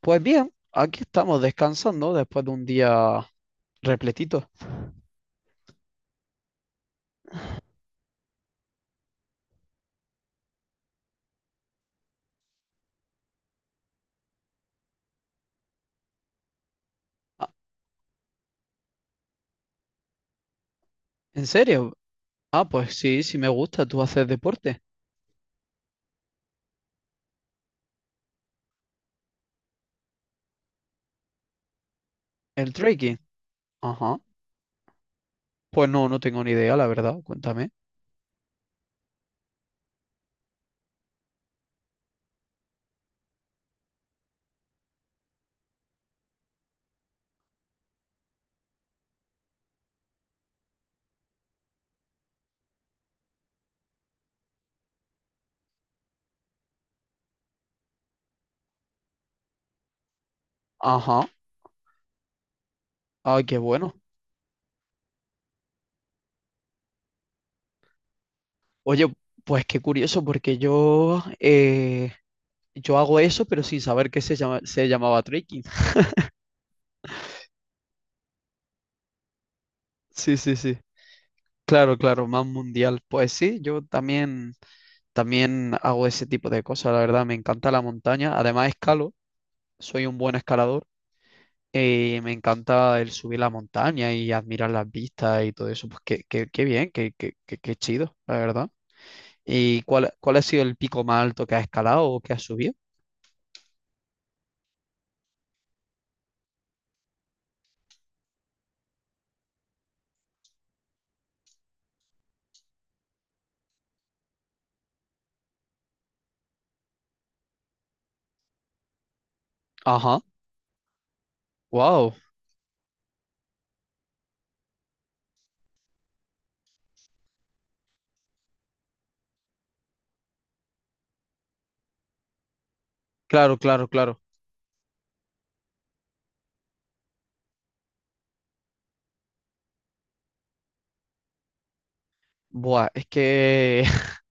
Pues bien, aquí estamos descansando después de un día repletito. Ah, ¿en serio? Ah, pues sí, sí me gusta. ¿Tú haces deporte? ¿El trekking? Ajá. Pues no, no tengo ni idea, la verdad. Cuéntame. Ajá. Ay, qué bueno. Oye, pues qué curioso, porque yo, yo hago eso, pero sin saber que se llama, se llamaba trekking. Sí, sí, sí. Claro, claro, más mundial. Pues sí, yo también, también hago ese tipo de cosas, la verdad. Me encanta la montaña. Además, escalo. Soy un buen escalador. Me encanta el subir la montaña y admirar las vistas y todo eso. Pues qué, qué bien, qué, qué, qué chido, la verdad. ¿Y cuál, cuál ha sido el pico más alto que has escalado o que has subido? Ajá, wow, claro, claro, claro. Buah, es que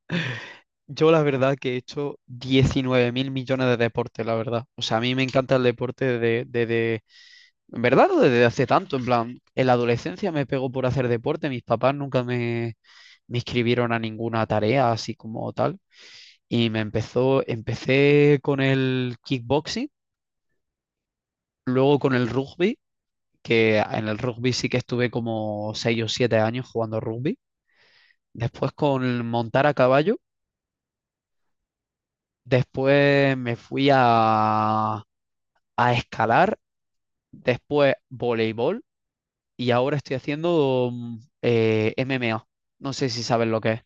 yo la verdad que he hecho 19 mil millones de deportes, la verdad. O sea, a mí me encanta el deporte desde, en verdad, no desde hace tanto, en plan, en la adolescencia me pegó por hacer deporte, mis papás nunca me, me inscribieron a ninguna tarea así como tal, y empecé con el kickboxing, luego con el rugby, que en el rugby sí que estuve como 6 o 7 años jugando rugby, después con el montar a caballo, después me fui a escalar, después voleibol, y ahora estoy haciendo MMA. No sé si sabes lo que es.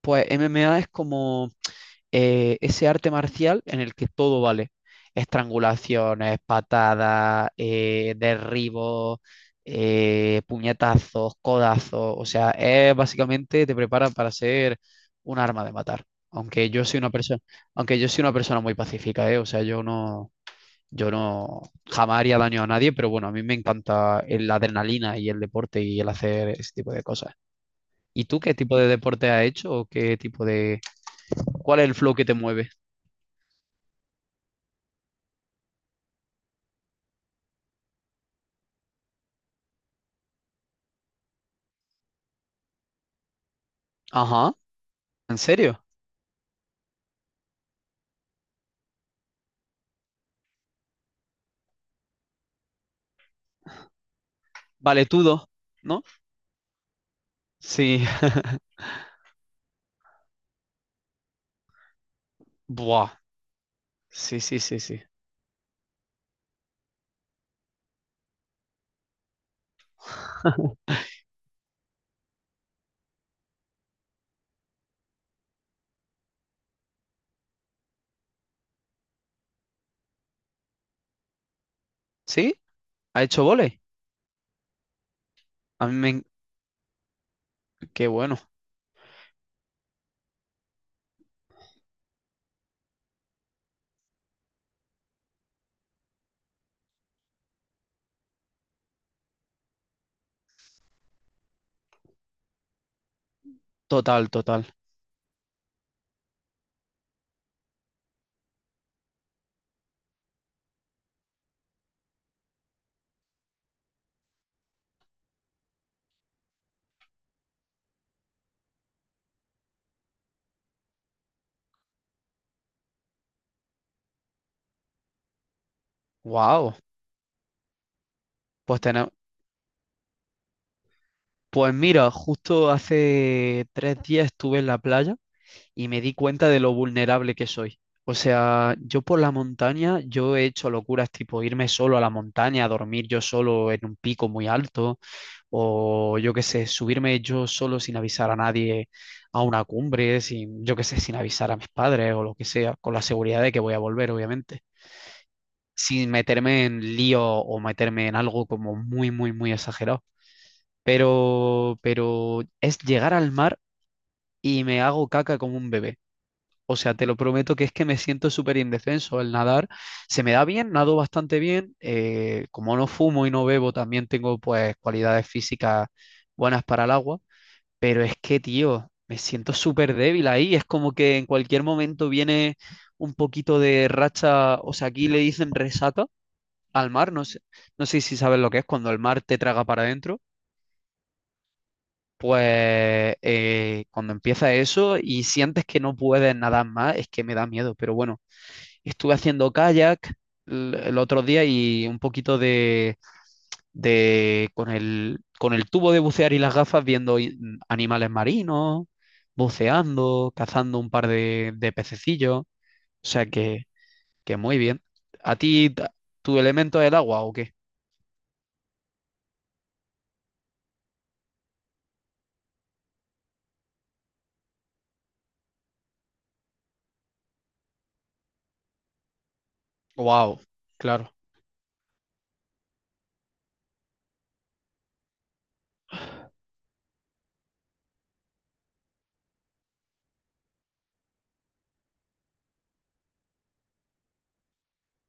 Pues MMA es como ese arte marcial en el que todo vale. Estrangulaciones, patadas, derribos, puñetazos, codazos. O sea, es básicamente te prepara para ser un arma de matar. Aunque yo soy una persona, aunque yo soy una persona muy pacífica, ¿eh? O sea, yo no, yo no jamás haría daño a nadie, pero bueno, a mí me encanta la adrenalina y el deporte y el hacer ese tipo de cosas. ¿Y tú qué tipo de deporte has hecho o qué tipo de? ¿Cuál es el flow que te mueve? Ajá, ¿en serio? Vale, tú dos, ¿no? Sí. Buah. Sí, sí, sí, sí. ¿Sí? ¿Ha hecho volei? A mí qué bueno. Total, total. Wow. Pues tenemos... Pues mira, justo hace tres días estuve en la playa y me di cuenta de lo vulnerable que soy. O sea, yo por la montaña, yo he hecho locuras tipo irme solo a la montaña, a dormir yo solo en un pico muy alto, o yo qué sé, subirme yo solo sin avisar a nadie a una cumbre, sin, yo qué sé, sin avisar a mis padres o lo que sea, con la seguridad de que voy a volver, obviamente, sin meterme en lío o meterme en algo como muy, muy, muy exagerado, pero es llegar al mar y me hago caca como un bebé. O sea, te lo prometo que es que me siento súper indefenso al nadar. Se me da bien, nado bastante bien. Como no fumo y no bebo, también tengo pues cualidades físicas buenas para el agua. Pero es que, tío, me siento súper débil ahí. Es como que en cualquier momento viene un poquito de racha. O sea, aquí le dicen resata al mar. No sé, no sé si sabes lo que es cuando el mar te traga para adentro. Pues cuando empieza eso y sientes que no puedes nadar más, es que me da miedo. Pero bueno, estuve haciendo kayak el otro día y un poquito de con con el tubo de bucear y las gafas viendo animales marinos, buceando, cazando un par de pececillos. O sea que muy bien. ¿A tu elemento es el agua o qué? Wow, claro,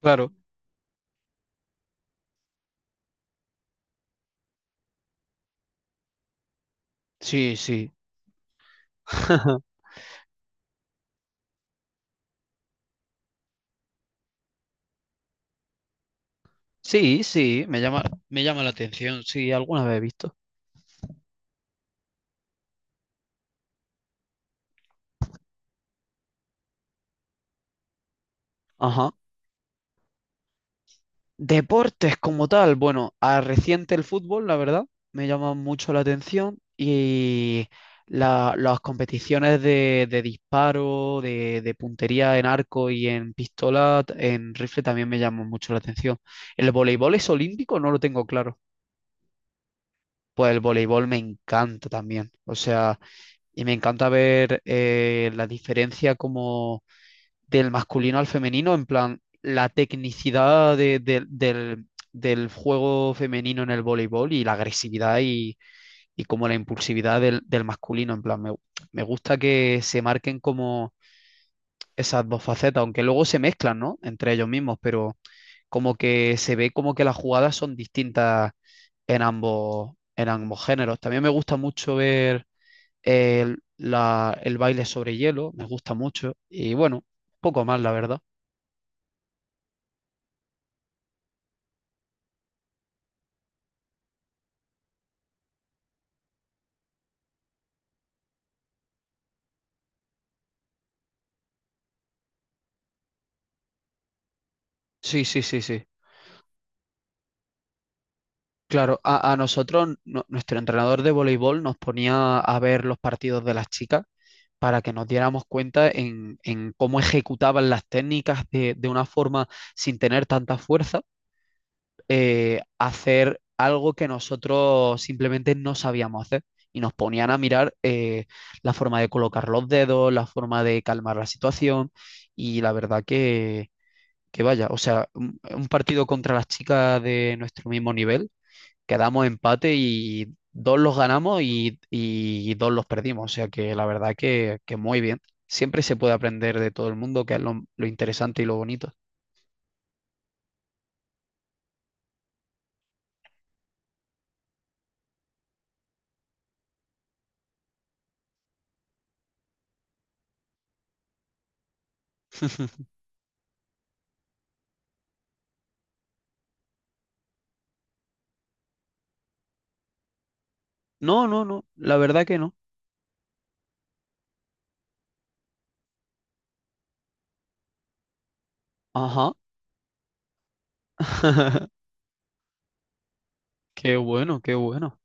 claro. Sí, sí. Sí, sí, me llama la atención, sí, alguna vez he visto. Ajá. Deportes como tal, bueno, a reciente el fútbol, la verdad, me llama mucho la atención y las competiciones de disparo, de puntería en arco y en pistola, en rifle también me llaman mucho la atención. ¿El voleibol es olímpico? No lo tengo claro. Pues el voleibol me encanta también, o sea, y me encanta ver la diferencia como del masculino al femenino, en plan, la tecnicidad del, del juego femenino en el voleibol y la agresividad y como la impulsividad del, del masculino, en plan, me gusta que se marquen como esas dos facetas, aunque luego se mezclan, ¿no? Entre ellos mismos, pero como que se ve como que las jugadas son distintas en ambos géneros. También me gusta mucho ver el baile sobre hielo, me gusta mucho, y bueno, poco más, la verdad. Sí, sí, sí, sí. Claro, a nosotros, nuestro entrenador de voleibol nos ponía a ver los partidos de las chicas para que nos diéramos cuenta en cómo ejecutaban las técnicas de una forma sin tener tanta fuerza, hacer algo que nosotros simplemente no sabíamos hacer. Y nos ponían a mirar la forma de colocar los dedos, la forma de calmar la situación. Y la verdad que vaya, o sea, un partido contra las chicas de nuestro mismo nivel quedamos empate y dos los ganamos y dos los perdimos. O sea que la verdad que muy bien. Siempre se puede aprender de todo el mundo, que es lo interesante y lo bonito. No, no, no, la verdad que no. Ajá. Qué bueno, qué bueno,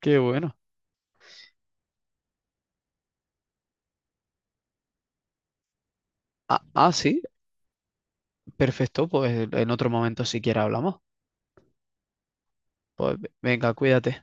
qué bueno. Ah, ah, sí, perfecto, pues en otro momento siquiera hablamos. Pues venga, cuídate.